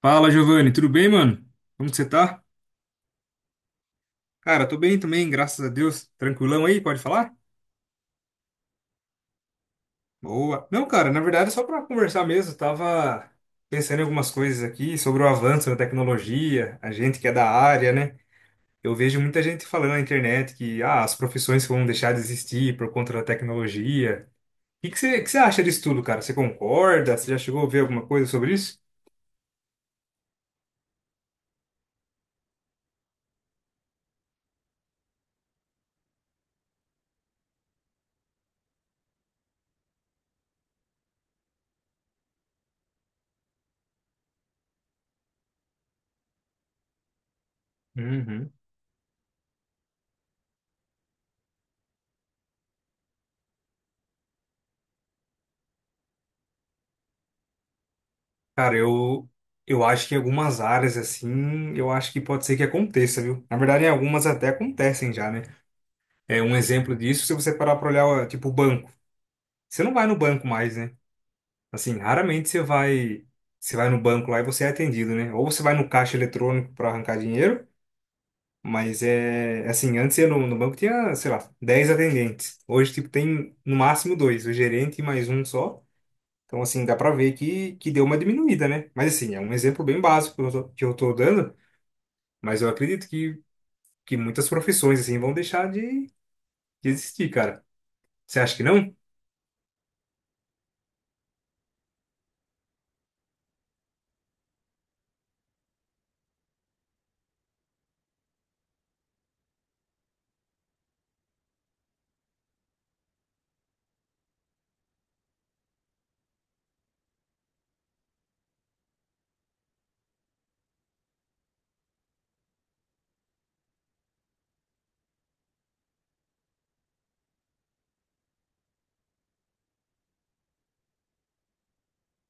Fala, Giovanni, tudo bem, mano? Como que você tá? Cara, tô bem também, graças a Deus. Tranquilão aí, pode falar? Boa. Não, cara, na verdade é só pra conversar mesmo. Tava pensando em algumas coisas aqui sobre o avanço da tecnologia, a gente que é da área, né? Eu vejo muita gente falando na internet que as profissões vão deixar de existir por conta da tecnologia. O que que você acha disso tudo, cara? Você concorda? Você já chegou a ver alguma coisa sobre isso? Uhum. Cara, eu acho que em algumas áreas, assim, eu acho que pode ser que aconteça, viu? Na verdade, em algumas até acontecem já, né? É um exemplo disso, se você parar pra olhar, ó, tipo, o banco. Você não vai no banco mais, né? Assim, raramente você vai no banco lá e você é atendido, né? Ou você vai no caixa eletrônico pra arrancar dinheiro, mas é, assim, antes eu no banco tinha, sei lá, 10 atendentes. Hoje, tipo, tem no máximo dois, o gerente e mais um só. Então, assim, dá pra ver que deu uma diminuída, né? Mas, assim, é um exemplo bem básico que eu tô dando, mas eu acredito que muitas profissões, assim, vão deixar de existir, cara. Você acha que não?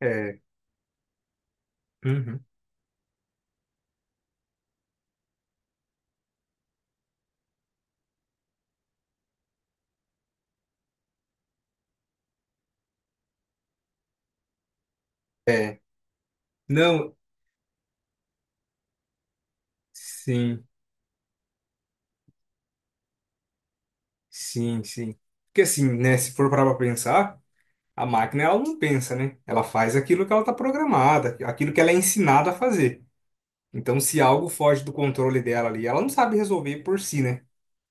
É. Uhum. É. Não, sim, sim, sim. Porque, assim, né, se for parar pra pensar, a máquina, ela não pensa, né? Ela faz aquilo que ela tá programada, aquilo que ela é ensinada a fazer. Então, se algo foge do controle dela ali, ela não sabe resolver por si, né?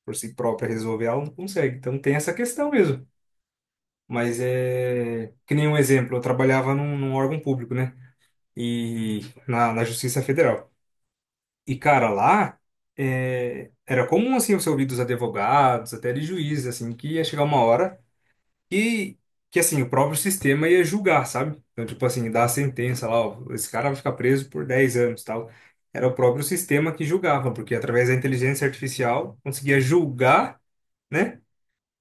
Por si própria resolver, ela não consegue. Então, tem essa questão mesmo. Mas é. Que nem um exemplo, eu trabalhava num órgão público, né? E na Justiça Federal. E, cara, lá é, era comum, assim, você ouvir dos advogados, até de juízes, assim, que ia chegar uma hora e que, assim, o próprio sistema ia julgar, sabe? Então, tipo assim, dar a sentença lá, ó, esse cara vai ficar preso por 10 anos, tal. Era o próprio sistema que julgava, porque através da inteligência artificial conseguia julgar, né?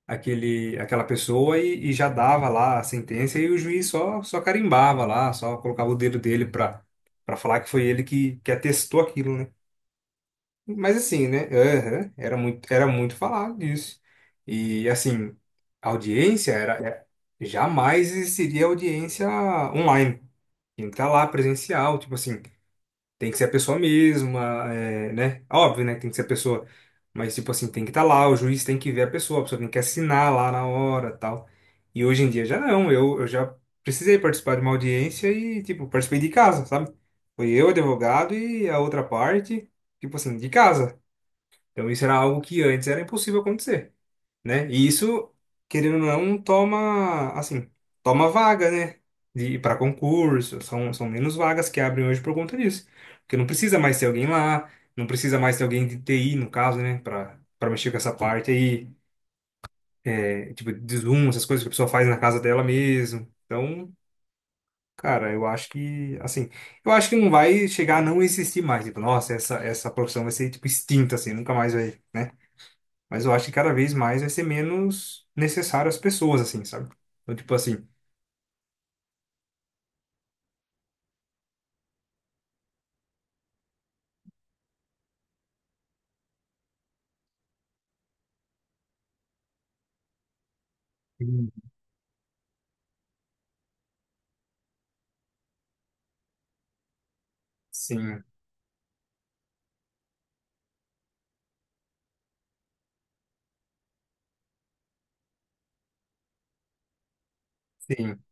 aquele, aquela pessoa e já dava lá a sentença e o juiz só carimbava lá, só colocava o dedo dele para falar que foi ele que atestou aquilo, né? Mas assim, né? aham, era muito falado disso. E assim, a audiência era, era- jamais existiria audiência online. Tinha que estar lá presencial, tipo assim. Tem que ser a pessoa mesma, é, né? Óbvio, né? que Tem que ser a pessoa. Mas, tipo assim, tem que estar lá, o juiz tem que ver a pessoa tem que assinar lá na hora tal. E hoje em dia já não, eu já precisei participar de uma audiência e, tipo, participei de casa, sabe? Foi eu, advogado e a outra parte, tipo assim, de casa. Então isso era algo que antes era impossível acontecer né? E isso, querendo ou não, é um toma, assim, toma vaga, né? De para concurso, são menos vagas que abrem hoje por conta disso. Porque não precisa mais ter alguém lá, não precisa mais ter alguém de TI, no caso, né? Para mexer com essa parte aí, é, tipo, de Zoom, essas coisas que a pessoa faz na casa dela mesmo. Então, cara, eu acho que, assim, eu acho que não vai chegar a não existir mais. Tipo, nossa, essa profissão vai ser, tipo, extinta, assim, nunca mais vai, né? Mas eu acho que cada vez mais vai ser menos necessário às pessoas, assim, sabe? Então, tipo assim. Sim, sim, sim,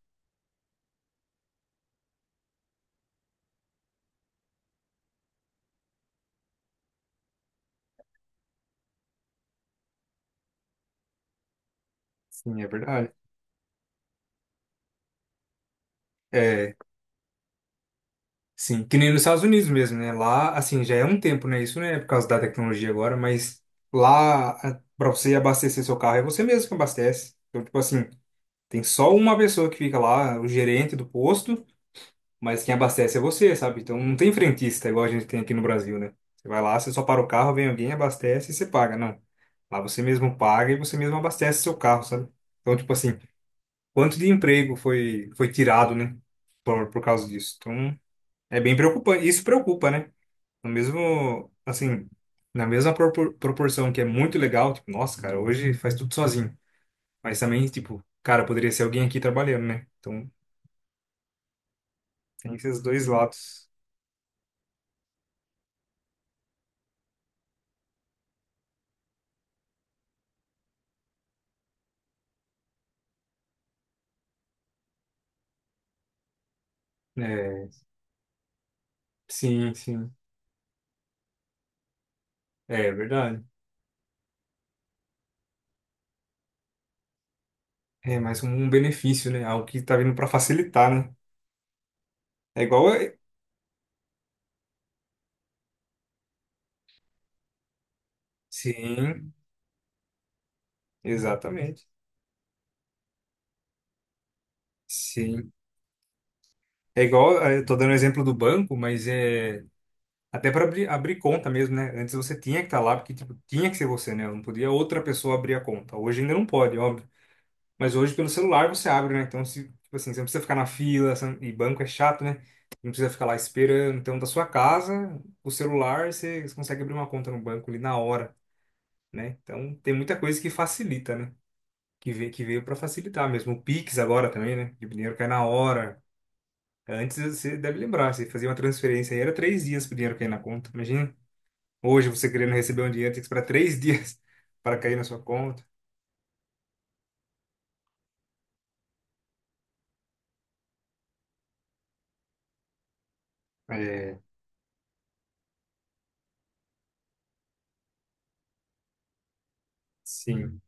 sim, é verdade. É, sim. Que nem nos Estados Unidos mesmo, né? Lá, assim, já é um tempo, né? Isso não é por causa da tecnologia agora, mas lá, pra você abastecer seu carro, é você mesmo que abastece. Então, tipo assim, tem só uma pessoa que fica lá, o gerente do posto. Mas quem abastece é você, sabe? Então não tem frentista igual a gente tem aqui no Brasil, né? Você vai lá, você só para o carro, vem alguém, abastece e você paga. Não. Lá você mesmo paga e você mesmo abastece seu carro, sabe? Então, tipo assim, quanto de emprego foi tirado, né? Por causa disso. Então, é bem preocupante. Isso preocupa, né? No mesmo, assim, na mesma proporção que é muito legal, tipo, nossa, cara, hoje faz tudo sozinho. Mas também, tipo, cara, poderia ser alguém aqui trabalhando, né? Então, tem esses dois lados. É, sim, sim. É verdade. É mais um benefício, né? Algo que tá vindo para facilitar, né? É igual. a- Sim, exatamente. Sim. É igual. Eu tô dando o exemplo do banco, mas é. Até para abrir conta mesmo, né? Antes você tinha que estar lá, porque tipo, tinha que ser você, né? Não podia outra pessoa abrir a conta. Hoje ainda não pode, óbvio. Mas hoje pelo celular você abre, né? Então, se, tipo assim, você não precisa ficar na fila, você não- e banco é chato, né? Não precisa ficar lá esperando. Então, da sua casa, o celular, você consegue abrir uma conta no banco ali na hora. Né? Então tem muita coisa que facilita, né? Que veio para facilitar mesmo. O Pix agora também, né? Que o dinheiro cai na hora. Antes você deve lembrar, você fazia uma transferência aí, era três dias para o dinheiro cair na conta. Imagina, hoje você querendo receber um dinheiro, tem que esperar três dias para cair na sua conta. É, sim,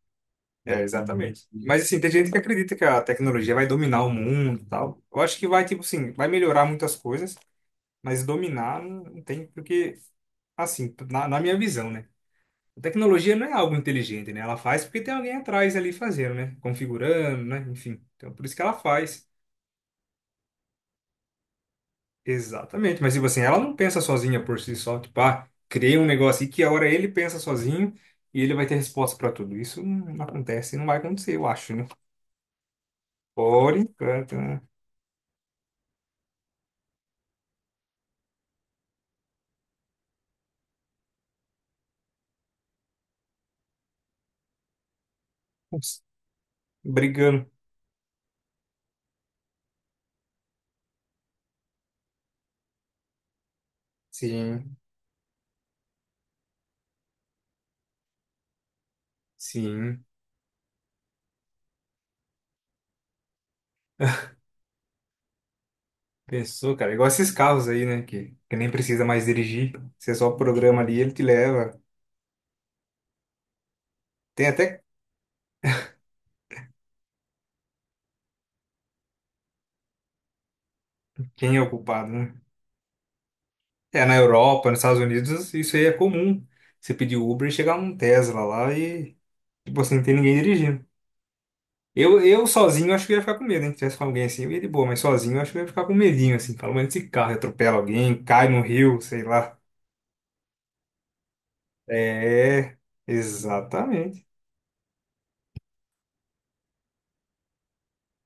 é, exatamente. Mas assim, tem gente que acredita que a tecnologia vai dominar o mundo e tal. Eu acho que vai, tipo assim, vai melhorar muitas coisas, mas dominar não tem, porque, assim, na minha visão, né? A tecnologia não é algo inteligente, né? Ela faz porque tem alguém atrás ali fazendo, né? Configurando, né? Enfim. Então, por isso que ela faz. Exatamente. Mas, tipo assim, ela não pensa sozinha por si só. Tipo, ah, criei um negócio e que a hora ele pensa sozinho e ele vai ter resposta para tudo. Isso não acontece, e não vai acontecer, eu acho, né? Por enquanto, né? Ups, brigando. Sim, sim. Pensou, cara? Igual esses carros aí, né? Que nem precisa mais dirigir. Você só programa ali, ele te leva. Tem até quem é o culpado, né? É, na Europa, nos Estados Unidos, isso aí é comum. Você pedir Uber e chegar um Tesla lá e, tipo assim, não tem ninguém dirigindo. Eu sozinho acho que ia ficar com medo, hein? Se tivesse com alguém assim, eu ia de boa, mas sozinho eu acho que eu ia ficar com medinho, assim. Fala, mas esse carro atropela alguém, cai no rio, sei lá. É, exatamente.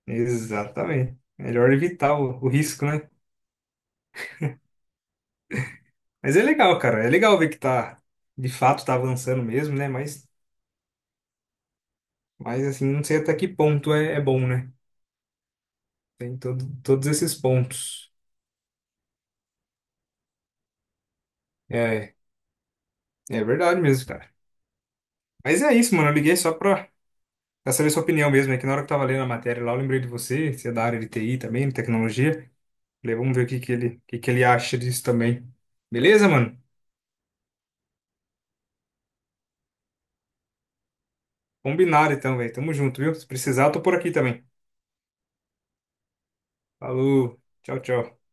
Exatamente. Melhor evitar o risco, né? Mas é legal, cara. É legal ver que tá, de fato, tá avançando mesmo, né? Mas assim, não sei até que ponto é, é bom, né? Tem todos esses pontos. É, É verdade mesmo, cara. Mas é isso, mano. Eu liguei só pra saber sua opinião mesmo. É que na hora que eu tava lendo a matéria lá, eu lembrei de você. Você é da área de TI também, de tecnologia. Falei, vamos ver o que que ele acha disso também. Beleza, mano? Combinado então, velho. Tamo junto, viu? Se precisar, eu tô por aqui também. Falou. Tchau, tchau.